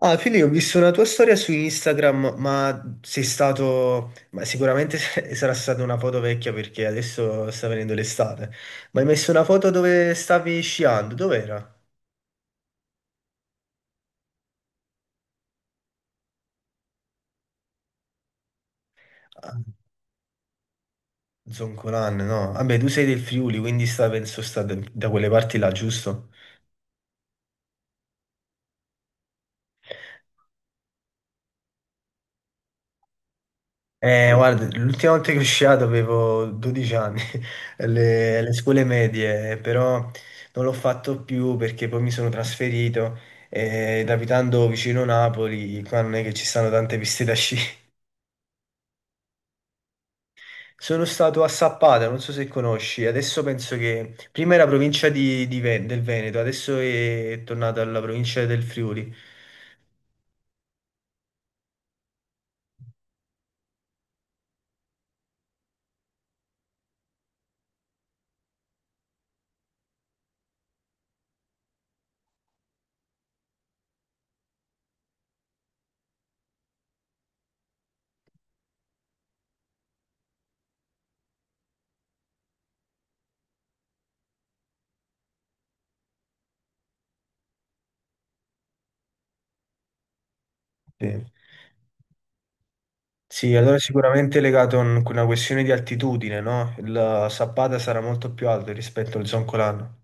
Ah, Fili, ho visto una tua storia su Instagram, ma sei stato... Ma sicuramente sarà stata una foto vecchia perché adesso sta venendo l'estate. Ma hai messo una foto dove stavi sciando? Dov'era? Ah, Zoncolan, no? Vabbè, tu sei del Friuli, quindi sta, penso sta da quelle parti là, giusto? Guarda, l'ultima volta che sono sciato avevo 12 anni, alle scuole medie, però non l'ho fatto più perché poi mi sono trasferito ed abitando vicino Napoli, qua non è che ci stanno tante piste da sci. Sono stato a Sappata, non so se conosci, adesso penso che prima era provincia di del Veneto, adesso è tornata alla provincia del Friuli. Sì. Sì, allora sicuramente è legato a una questione di altitudine, no? Il Sappada sarà molto più alto rispetto al Zoncolano.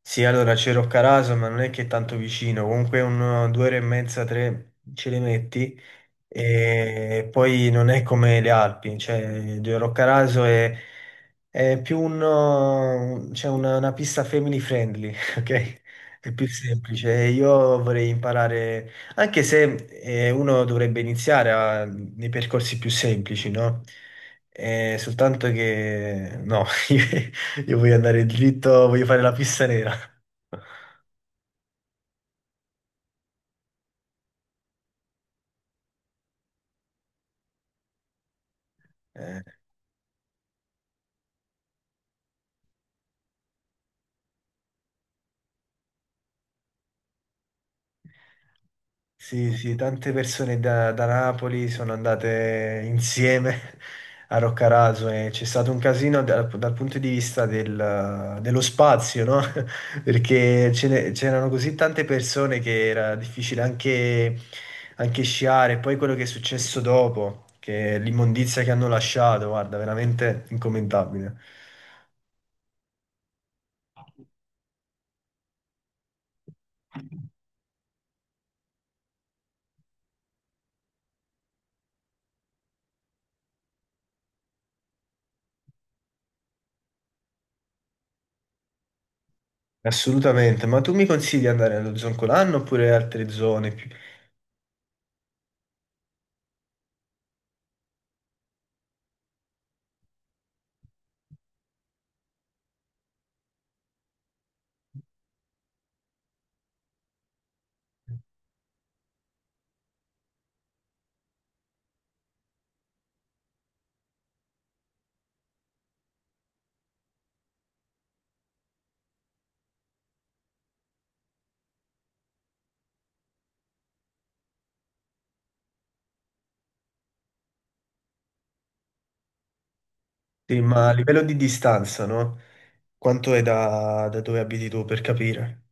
Sì, allora c'è Roccaraso, ma non è che è tanto vicino, comunque un, due ore e mezza, tre ce le metti. E poi non è come le Alpi, cioè Giro Roccaraso è più un, c'è una pista family friendly, ok? È più semplice. E io vorrei imparare, anche se uno dovrebbe iniziare nei percorsi più semplici, no? Soltanto che no, io voglio andare dritto, voglio fare la pista nera. Eh. Sì, sì, tante persone da Napoli sono andate insieme a Roccaraso e c'è stato un casino dal punto di vista dello spazio, no? Perché c'erano così tante persone che era difficile anche, anche sciare. Poi quello che è successo dopo, che è l'immondizia che hanno lasciato, guarda, veramente incommentabile. Assolutamente. Ma tu mi consigli di andare allo Zoncolanno oppure altre zone più... Sì, ma a livello di distanza, no? Quanto è da dove abiti tu per capire?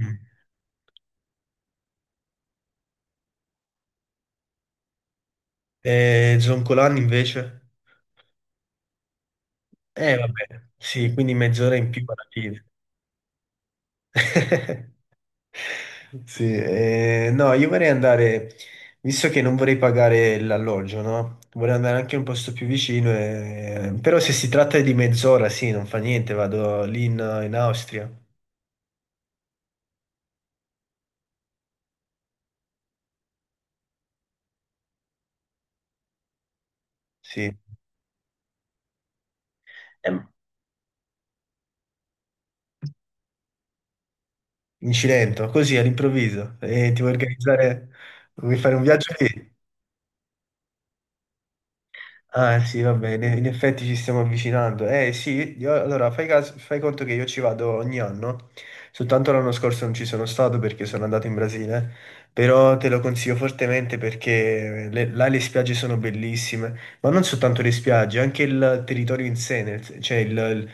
Mm. E Zoncolan invece? Eh vabbè, sì, quindi mezz'ora in più alla fine. Sì, no, io vorrei andare, visto che non vorrei pagare l'alloggio, no? Vorrei andare anche in un posto più vicino, però se si tratta di mezz'ora, sì, non fa niente, vado lì in, in Austria, sì. Ehm, In Cilento, così all'improvviso, e ti vuoi organizzare, vuoi fare un viaggio lì? Ah, sì, va bene, in effetti ci stiamo avvicinando. Eh sì, allora fai, fai conto che io ci vado ogni anno, soltanto l'anno scorso non ci sono stato perché sono andato in Brasile, però te lo consiglio fortemente perché là le spiagge sono bellissime, ma non soltanto le spiagge, anche il territorio in sé, cioè il-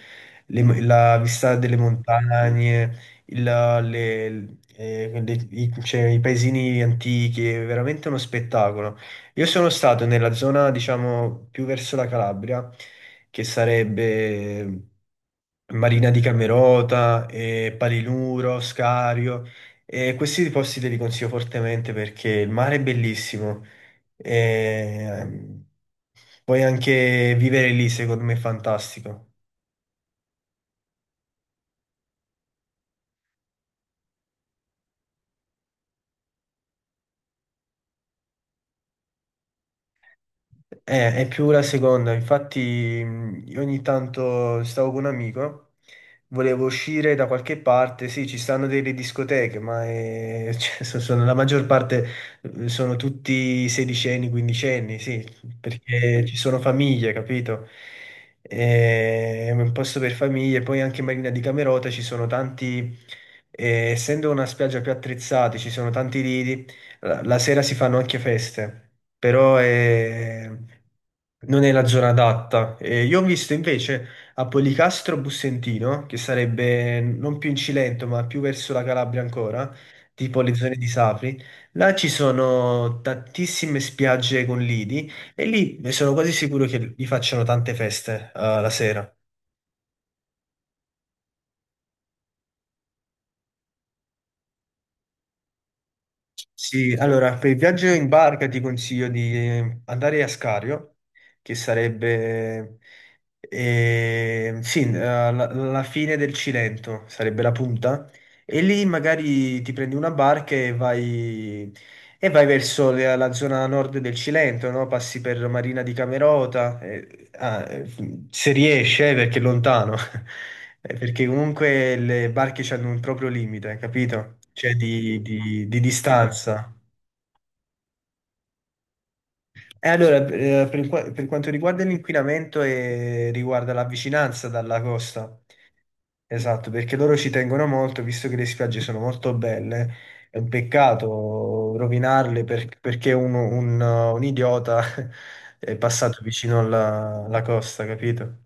il- le- la vista delle montagne, cioè, i paesini antichi, è veramente uno spettacolo. Io sono stato nella zona, diciamo, più verso la Calabria, che sarebbe Marina di Camerota, Palinuro, Scario. E questi posti te li consiglio fortemente perché il mare è bellissimo. E, ehm, puoi anche vivere lì, secondo me è fantastico. È più la seconda, infatti io ogni tanto stavo con un amico, volevo uscire da qualche parte, sì, ci stanno delle discoteche, ma cioè, sono, la maggior parte sono tutti 16enni, 15enni, sì, perché ci sono famiglie, capito? È un posto per famiglie, poi anche in Marina di Camerota ci sono tanti, essendo una spiaggia più attrezzata, ci sono tanti lidi la sera si fanno anche feste, però non è la zona adatta. E io ho visto invece a Policastro Bussentino, che sarebbe non più in Cilento, ma più verso la Calabria ancora, tipo le zone di Sapri, là ci sono tantissime spiagge con lidi e lì sono quasi sicuro che vi facciano tante feste, la sera. Sì, allora per il viaggio in barca ti consiglio di andare a Scario, che sarebbe sì, la fine del Cilento, sarebbe la punta, e lì magari ti prendi una barca e vai verso la zona nord del Cilento, no? Passi per Marina di Camerota, se riesce, perché è lontano, perché comunque le barche hanno un proprio limite, capito? Cioè di, di distanza. E allora, per, per quanto riguarda l'inquinamento e riguarda la vicinanza dalla costa, esatto, perché loro ci tengono molto, visto che le spiagge sono molto belle, è un peccato rovinarle perché un, un idiota è passato vicino alla costa, capito?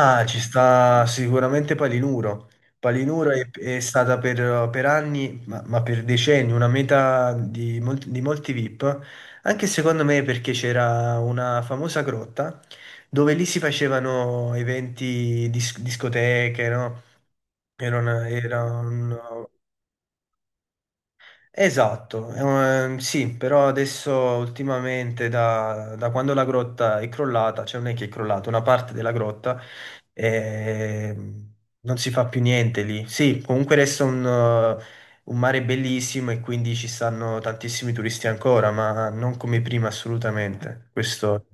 Ah, ci sta sicuramente Palinuro. Palinuro è stata per anni, ma per decenni, una meta di, di molti VIP, anche secondo me perché c'era una famosa grotta dove lì si facevano eventi, discoteche, no? Era, era un- Esatto, sì, però adesso ultimamente da quando la grotta è crollata, cioè non è che è crollata, una parte della grotta, ehm, non si fa più niente lì. Sì, comunque resta un mare bellissimo e quindi ci stanno tantissimi turisti ancora, ma non come prima assolutamente. Questo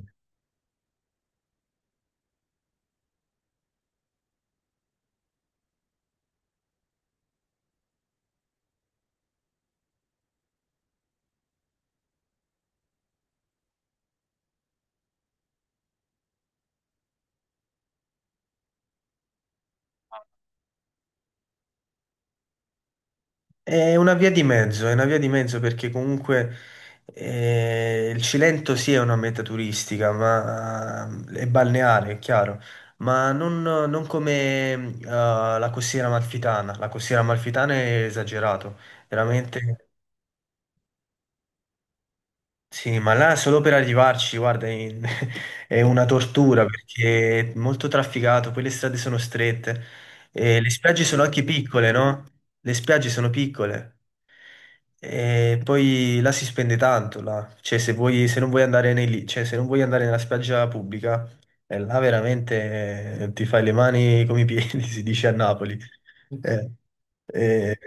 è una via di mezzo, è una via di mezzo perché comunque il Cilento sì è una meta turistica, ma è balneare, è chiaro, ma non, non come la costiera amalfitana. La costiera amalfitana è esagerato, veramente sì, ma là solo per arrivarci, guarda, è una tortura perché è molto trafficato, poi le strade sono strette, e le spiagge sono anche piccole, no? Le spiagge sono piccole. E poi là si spende tanto, là. Cioè, se vuoi, se non vuoi andare nei, cioè, se non vuoi andare nella spiaggia pubblica, là veramente ti fai le mani come i piedi, si dice a Napoli. Eh, eh,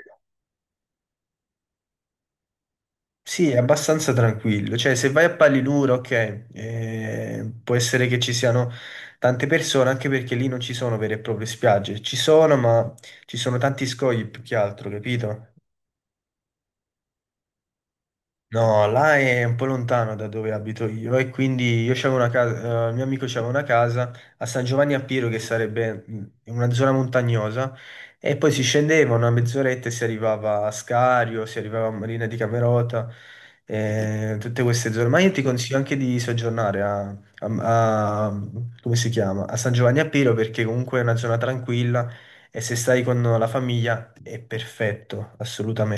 sì, è abbastanza tranquillo. Cioè, se vai a Palinuro, ok, può essere che ci siano tante persone, anche perché lì non ci sono vere e proprie spiagge. Ci sono, ma ci sono tanti scogli più che altro, capito? No, là è un po' lontano da dove abito io e quindi io c'avevo una casa, il mio amico c'aveva una casa a San Giovanni a Piero che sarebbe mm, in una zona montagnosa e poi si scendeva una mezz'oretta e si arrivava a Scario, si arrivava a Marina di Camerota, tutte queste zone. Ma io ti consiglio anche di soggiornare a, come si chiama? A San Giovanni a Piero perché comunque è una zona tranquilla e se stai con la famiglia è perfetto, assolutamente.